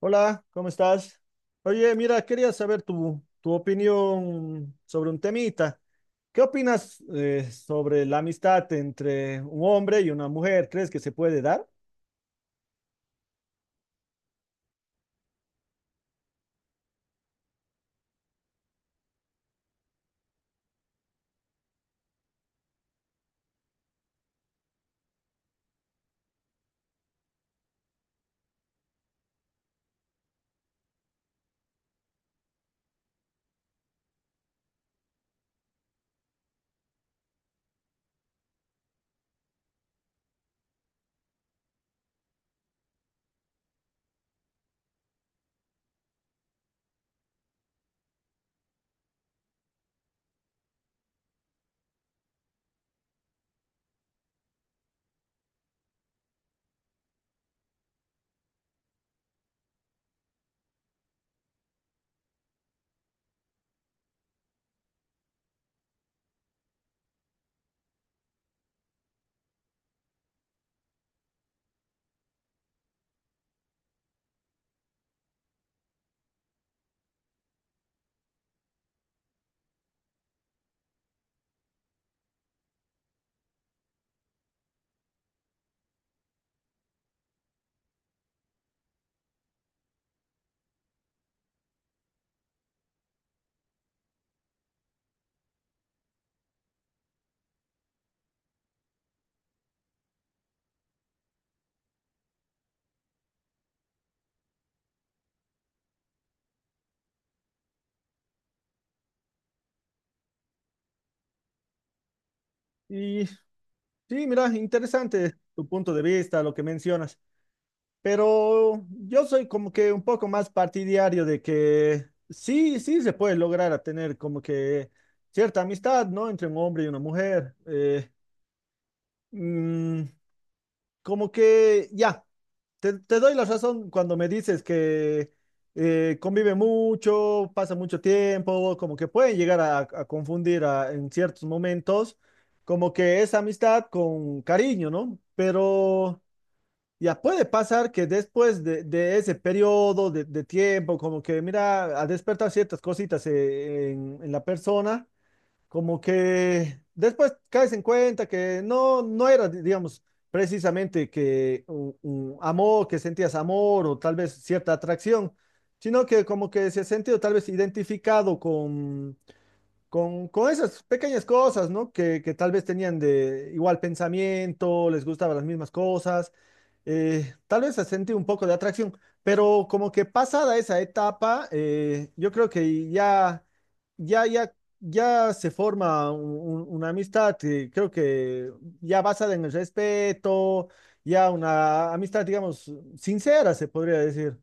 Hola, ¿cómo estás? Oye, mira, quería saber tu opinión sobre un temita. ¿Qué opinas sobre la amistad entre un hombre y una mujer? ¿Crees que se puede dar? Y sí, mira, interesante tu punto de vista, lo que mencionas, pero yo soy como que un poco más partidario de que sí se puede lograr a tener como que cierta amistad, ¿no? Entre un hombre y una mujer. Mm, Como que ya. Te doy la razón cuando me dices que convive mucho, pasa mucho tiempo, como que pueden llegar a confundir en ciertos momentos, como que es amistad con cariño, ¿no? Pero ya puede pasar que después de ese periodo de tiempo, como que mira, a despertar ciertas cositas en la persona, como que después caes en cuenta que no, no era, digamos, precisamente que un amor, que sentías amor o tal vez cierta atracción, sino que como que se ha sentido tal vez identificado con esas pequeñas cosas, ¿no? Que tal vez tenían de igual pensamiento, les gustaban las mismas cosas, tal vez se sentido un poco de atracción, pero como que pasada esa etapa, yo creo que ya, ya, ya se forma una amistad, creo que ya basada en el respeto, ya una amistad, digamos, sincera, se podría decir.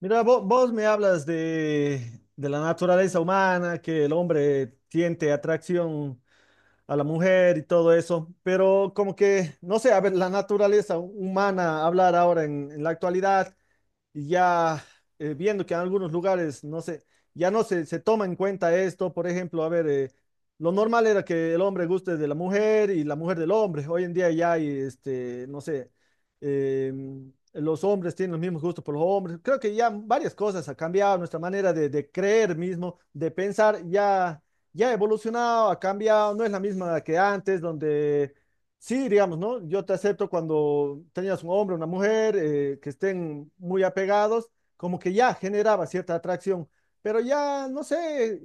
Mira, vos, me hablas de la naturaleza humana, que el hombre siente atracción a la mujer y todo eso, pero como que, no sé, a ver, la naturaleza humana, hablar ahora en la actualidad. Y ya viendo que en algunos lugares, no sé, ya no se toma en cuenta esto, por ejemplo, a ver, lo normal era que el hombre guste de la mujer y la mujer del hombre, hoy en día ya hay, este, no sé, eh, los hombres tienen los mismos gustos por los hombres, creo que ya varias cosas han cambiado, nuestra manera de creer mismo, de pensar, ya ha evolucionado, ha cambiado, no es la misma que antes, donde... Sí, digamos, ¿no? Yo te acepto cuando tenías un hombre, una mujer, que estén muy apegados, como que ya generaba cierta atracción, pero ya, no sé,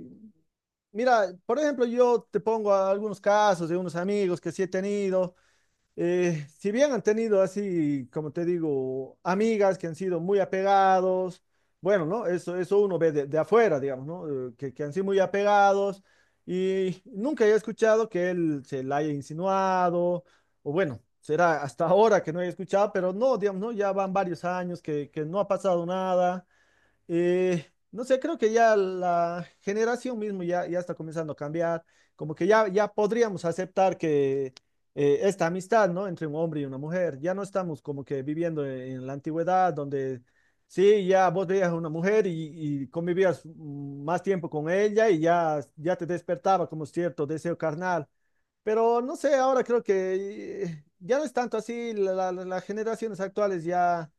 mira, por ejemplo, yo te pongo a algunos casos de unos amigos que sí he tenido, si bien han tenido así, como te digo, amigas que han sido muy apegados, bueno, ¿no? Eso uno ve de afuera, digamos, ¿no? Que han sido muy apegados y nunca he escuchado que él se la haya insinuado, o bueno, será hasta ahora que no he escuchado, pero no, digamos, ¿no? Ya van varios años que no ha pasado nada. No sé, creo que ya la generación mismo ya está comenzando a cambiar, como que ya podríamos aceptar que esta amistad, ¿no? Entre un hombre y una mujer, ya no estamos como que viviendo en la antigüedad donde sí, ya vos veías a una mujer y convivías más tiempo con ella y ya te despertaba como cierto deseo carnal. Pero no sé, ahora creo que ya no es tanto así, las generaciones actuales ya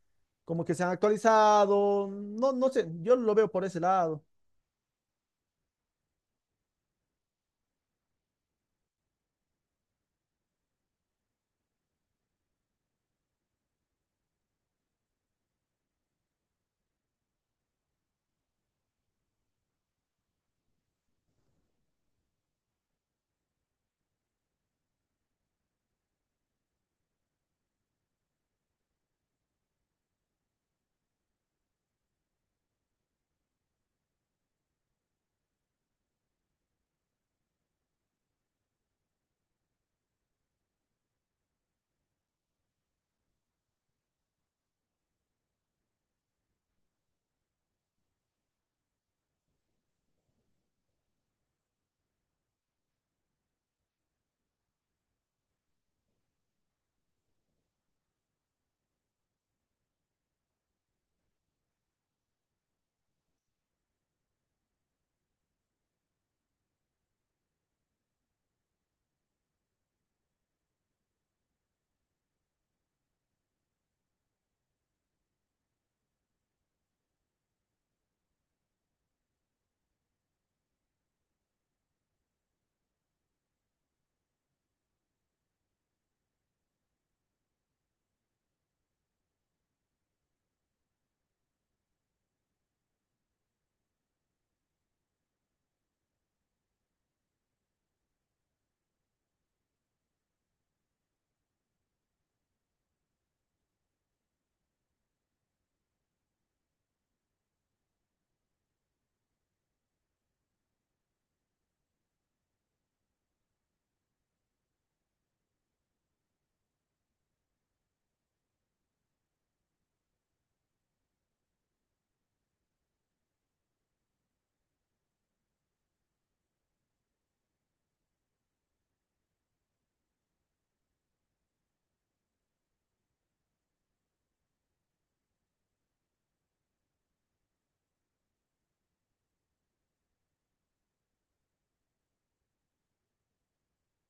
como que se han actualizado, no, no sé, yo lo veo por ese lado.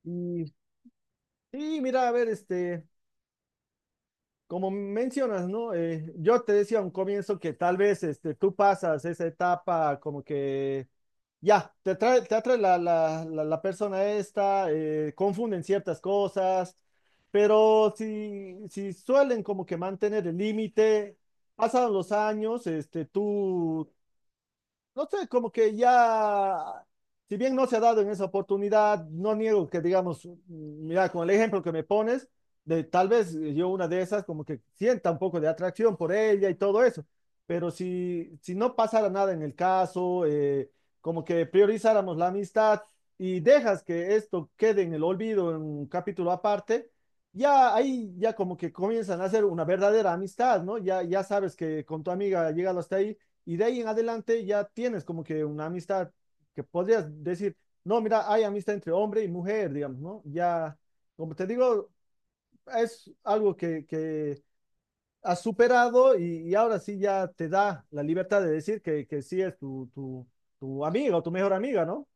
Y, y mira, a ver, este, como mencionas, ¿no? Yo te decía a un comienzo que tal vez este, tú pasas esa etapa como que ya, te atrae la, la persona esta, confunden ciertas cosas, pero si, si suelen como que mantener el límite, pasan los años, este, tú no sé, como que ya, si bien no se ha dado en esa oportunidad, no niego que digamos, mm, mira, con el ejemplo que me pones, de tal vez yo una de esas como que sienta un poco de atracción por ella y todo eso, pero si, si no pasara nada en el caso, como que priorizáramos la amistad y dejas que esto quede en el olvido en un capítulo aparte, ya ahí ya como que comienzan a hacer una verdadera amistad, ¿no? Ya, ya sabes que con tu amiga llegado hasta ahí y de ahí en adelante ya tienes como que una amistad que podrías decir, no, mira, hay amistad entre hombre y mujer, digamos, ¿no? Ya, como te digo, es algo que has superado y ahora sí ya te da la libertad de decir que sí es tu amiga o tu mejor amiga, ¿no?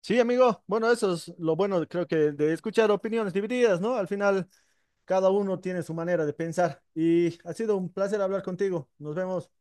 Sí, amigo, bueno, eso es lo bueno, creo que de escuchar opiniones divididas, ¿no? Al final, cada uno tiene su manera de pensar y ha sido un placer hablar contigo. Nos vemos.